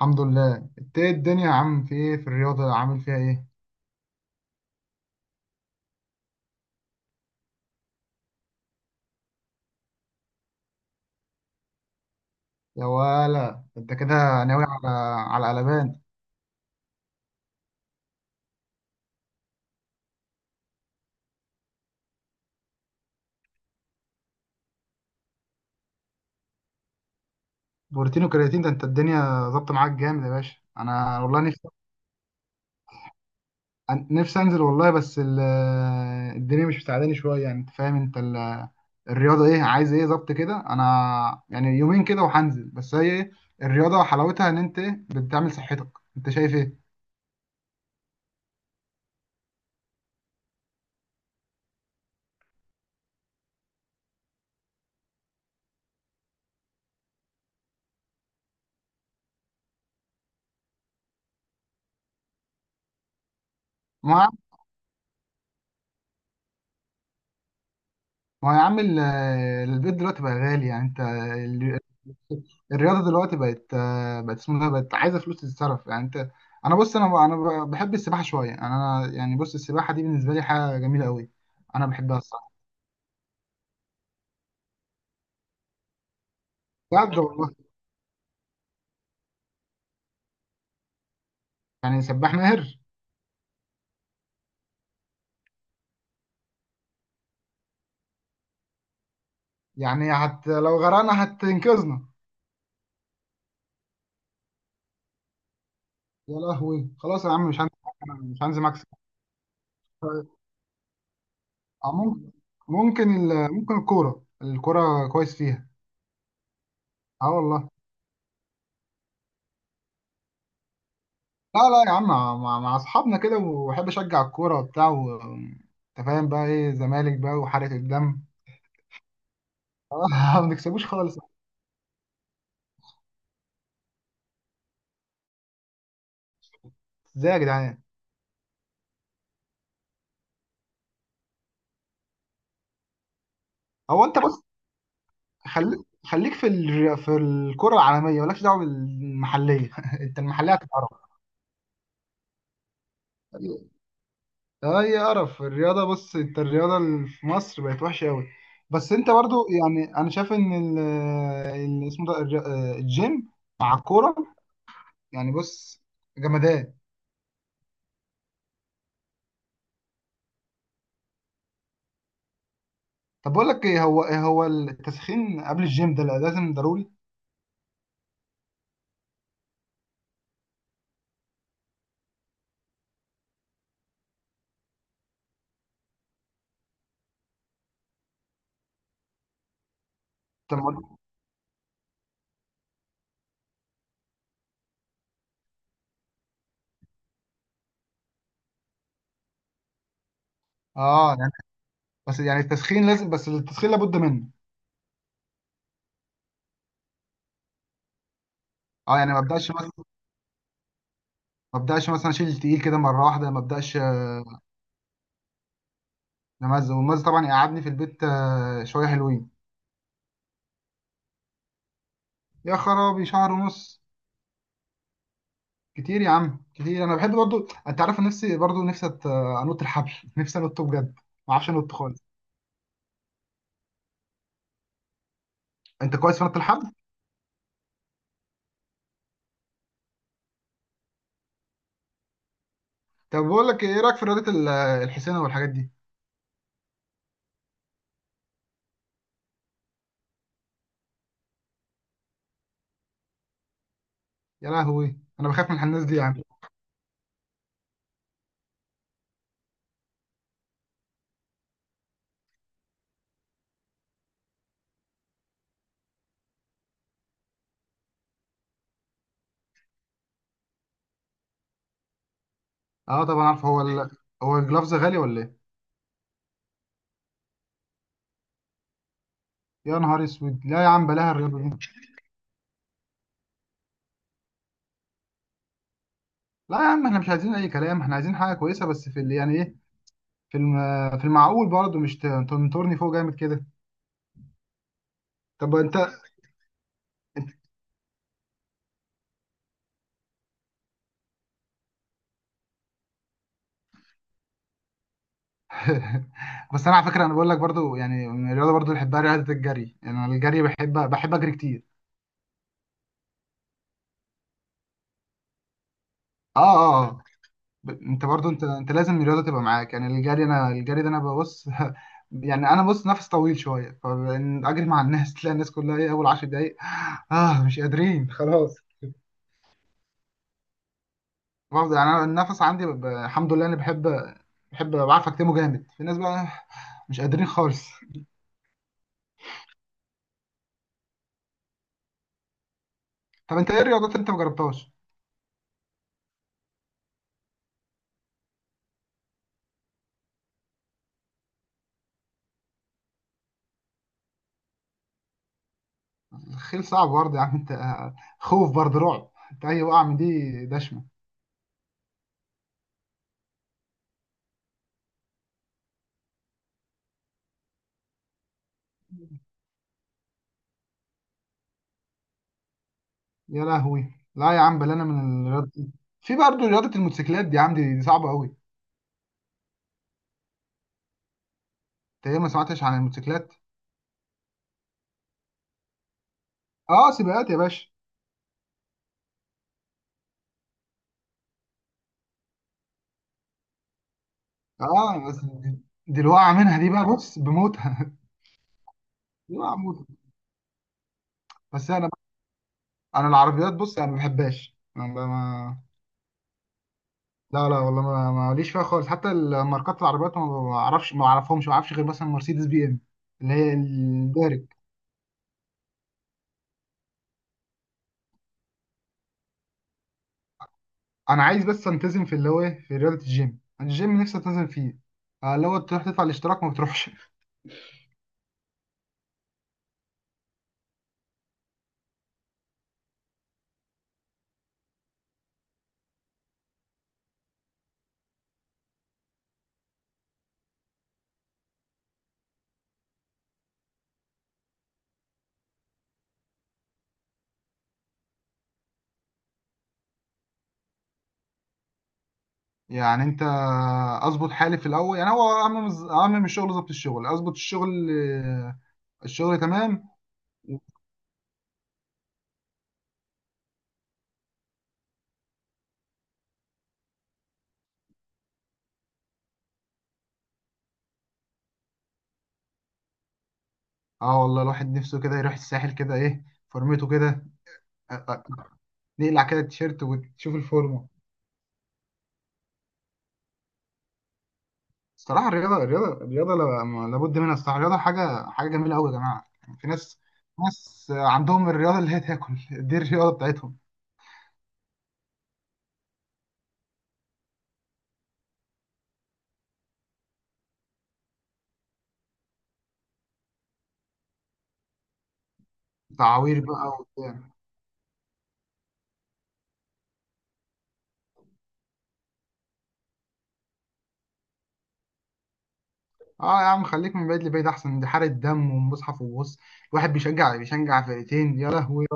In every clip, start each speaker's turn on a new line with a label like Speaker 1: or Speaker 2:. Speaker 1: الحمد لله. انت ايه الدنيا يا عم؟ في ايه؟ في الرياضة عامل فيها ايه؟ يا ولا انت كده ناوي على قلبان؟ بروتين وكرياتين ده انت الدنيا ظابطة معاك جامد يا باشا. انا والله نفسي نفسي انزل والله. بس الدنيا مش مساعداني شوية، يعني انت فاهم. انت الرياضة ايه عايز ايه؟ ظبط كده. انا يعني يومين كده وهنزل، بس هي ايه الرياضة؟ حلاوتها ان انت ايه بتعمل صحتك. انت شايف ايه؟ ما ما هو يا عم البيض دلوقتي بقى غالي يعني انت. الرياضه دلوقتي بقت آه، بقت اسمها إيه؟ بقت عايزه فلوس تتصرف يعني انت. انا بص انا بحب السباحه شويه، يعني انا يعني بص السباحه دي بالنسبه لي حاجه جميله قوي. انا بحبها الصراحه. بجد والله؟ يعني سباح ماهر؟ يعني هت لو غرقنا هتنقذنا؟ يا لهوي خلاص يا عم مش هنزل. مش هنزل معاك سباحة. آه، ممكن. ممكن ممكن الكوره. الكوره كويس فيها. اه والله. لا لا يا عم مع اصحابنا كده، وبحب اشجع الكوره وبتاع و انت فاهم بقى ايه زمالك بقى وحرقة الدم. آه، ما بنكسبوش خالص. ازاي يا جدعان؟ هو انت بص، خليك. في الكرة العالمية مالكش دعوة بالمحلية. انت المحلية هتتعرف. اي قرف الرياضة. بص انت الرياضة اللي في مصر بقت وحشة قوي. بس انت برضو يعني انا شايف ان ال- اسمه ده الج- الجيم مع الكورة يعني. بص جمدان. طب بقول لك ايه، هو هو التسخين قبل الجيم ده لازم ضروري؟ طب ما- اه يعني. بس يعني التسخين لازم، بس التسخين لابد منه. اه يعني ما ابداش. ما ابداش مثلا اشيل تقيل كده مره واحده. ما ابداش. نمزه والمز طبعا يقعدني في البيت آه، شويه حلوين. يا خرابي، شهر ونص؟ كتير يا عم كتير. انا بحب برضو انت عارف، أنا نفسي برضو نفسي انط الحبل. نفسي انط بجد. ما اعرفش انط خالص. انت كويس في نط الحبل؟ طب بقول لك ايه، إيه رايك في رياضه الحسينه والحاجات دي؟ يا لهوي انا بخاف من الناس دي يا عم. اه طبعا عارف. هو هو الجلافز غالي ولا ايه؟ يا نهار اسود، لا يا عم بلاها الرياضه دي. لا يا عم احنا مش عايزين اي كلام، احنا عايزين حاجه كويسه. بس في اللي يعني ايه في الم... في المعقول برضه. مش تنطرني فوق جامد كده. طب انت. بس انا على فكره انا بقول لك برضه، يعني من الرياضه برضه اللي بحبها رياضه الجري. يعني انا الجري بحب اجري كتير. اه. اه آه. انت برضه انت لازم الرياضه تبقى معاك. يعني الجري انا الجري ده انا ببص. يعني انا بص نفس طويل شويه، فاجري مع الناس تلاقي الناس كلها ايه اول 10 دقايق. اه مش قادرين خلاص. برضه يعني انا النفس عندي الحمد لله انا بحب. بعرف اكتمه جامد. في ناس بقى مش قادرين خالص. طب انت ايه الرياضات اللي انت ما جربتهاش؟ الخيل صعب برضه يا عم. انت آه، خوف برضه، رعب. انت اي وقعه من دي دشمه. يا لهوي لا يا عم، بل انا من الرياضه دي. في برضه رياضه الموتوسيكلات دي يا عم، دي صعبه قوي. انت ايه، ما سمعتش عن الموتوسيكلات؟ اه سباقات يا باشا. اه بس دي الوقعه منها دي بقى بص بموتها. دي وقعه موت. بس انا. انا العربيات بص انا ما بحبهاش. انا ما. لا لا والله ماليش فيها خالص. حتى الماركات العربيات ما بعرفش، ما اعرفهمش، ما اعرفش غير مثلا مرسيدس بي ام. اللي هي الدارج. انا عايز بس التزم في اللي هو إيه؟ في رياضه الجيم. أنا الجيم نفسي التزم فيه آه، اللي هو تروح تدفع الاشتراك ما بتروحش. يعني انت، اظبط حالي في الاول. يعني هو اعمم اعمم الشغل ظبط الشغل اظبط الشغل آه، الشغل تمام. اه والله، الواحد نفسه كده يروح الساحل كده ايه، فورمته كده. آه، آه، نقلع كده التيشيرت وتشوف الفورمه. الصراحه الرياضه، لابد منها. الصراحه الرياضه حاجه. جميله قوي يا جماعه. يعني في ناس، عندهم الرياضه اللي هي تاكل. دي الرياضه بتاعتهم. تعاوير بقى وبتاع. اه يا عم خليك من بعيد لبعيد احسن، دي حاره دم ومصحف. وبص الواحد بيشجع فرقتين يا لهوي.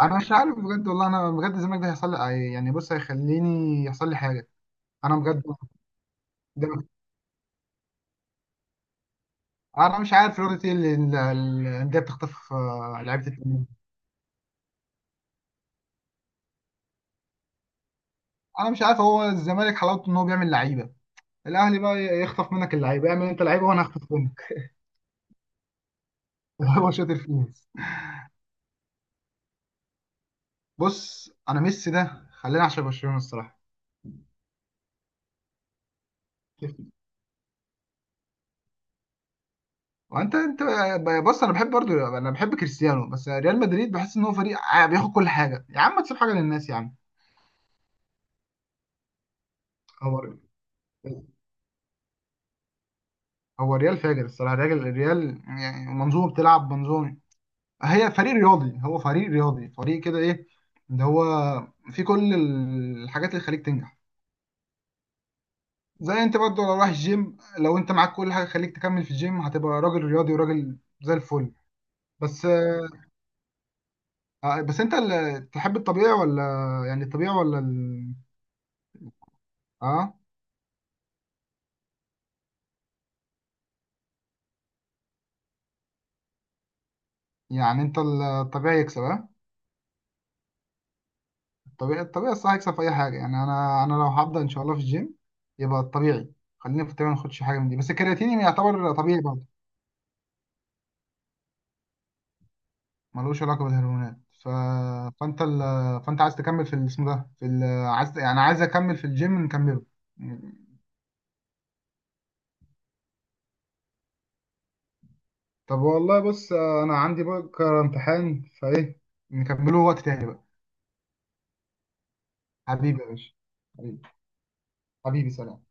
Speaker 1: انا مش عارف بجد والله. انا بجد، الزمالك ده هيحصل لي، يعني بص هيخليني يحصل لي حاجه. انا بجد. ده. انا مش عارف رياضه ايه اللي الانديه بتخطف آه، لعيبه التانيين. انا مش عارف، هو الزمالك حلاوته ان هو بيعمل لعيبه، الاهلي بقى يخطف منك اللعيبه. اعمل انت لعيبه وانا هخطف منك. هو شاطر فيه. بص انا ميسي ده خلينا عشان برشلونه الصراحه. وانت انت. بص انا بحب برضو. انا بحب كريستيانو بس ريال مدريد بحس ان هو فريق بياخد كل حاجه. يا عم ما تسيب حاجه للناس يا عم. هو. هو الريال فاجر الصراحه. الريال. يعني منظومه بتلعب منظومه. هي فريق رياضي. هو فريق رياضي. فريق كده ايه، ده هو في كل الحاجات اللي تخليك تنجح. زي انت برضو لو رايح الجيم، لو انت معاك كل حاجه تخليك تكمل في الجيم هتبقى راجل رياضي وراجل زي الفل. بس آه، بس انت اللي تحب الطبيعي ولا؟ يعني الطبيعي ولا اه يعني انت. الطبيعي يكسب ها؟ الطبيعي. الصح يكسب في اي حاجه. يعني انا لو هبدا ان شاء الله في الجيم يبقى الطبيعي. خلينا في الطبيعي ما ناخدش حاجه من دي، بس الكرياتين يعتبر طبيعي برضه. ملوش علاقه بالهرمونات. ف... فانت فانت عايز تكمل في الاسم ده في عايز. يعني عايز اكمل في الجيم. نكمله. طب والله بص، انا عندي بكره امتحان فايه، نكمله وقت تاني بقى. حبيبي يا باشا. حبيبي. حبيبي، سلام.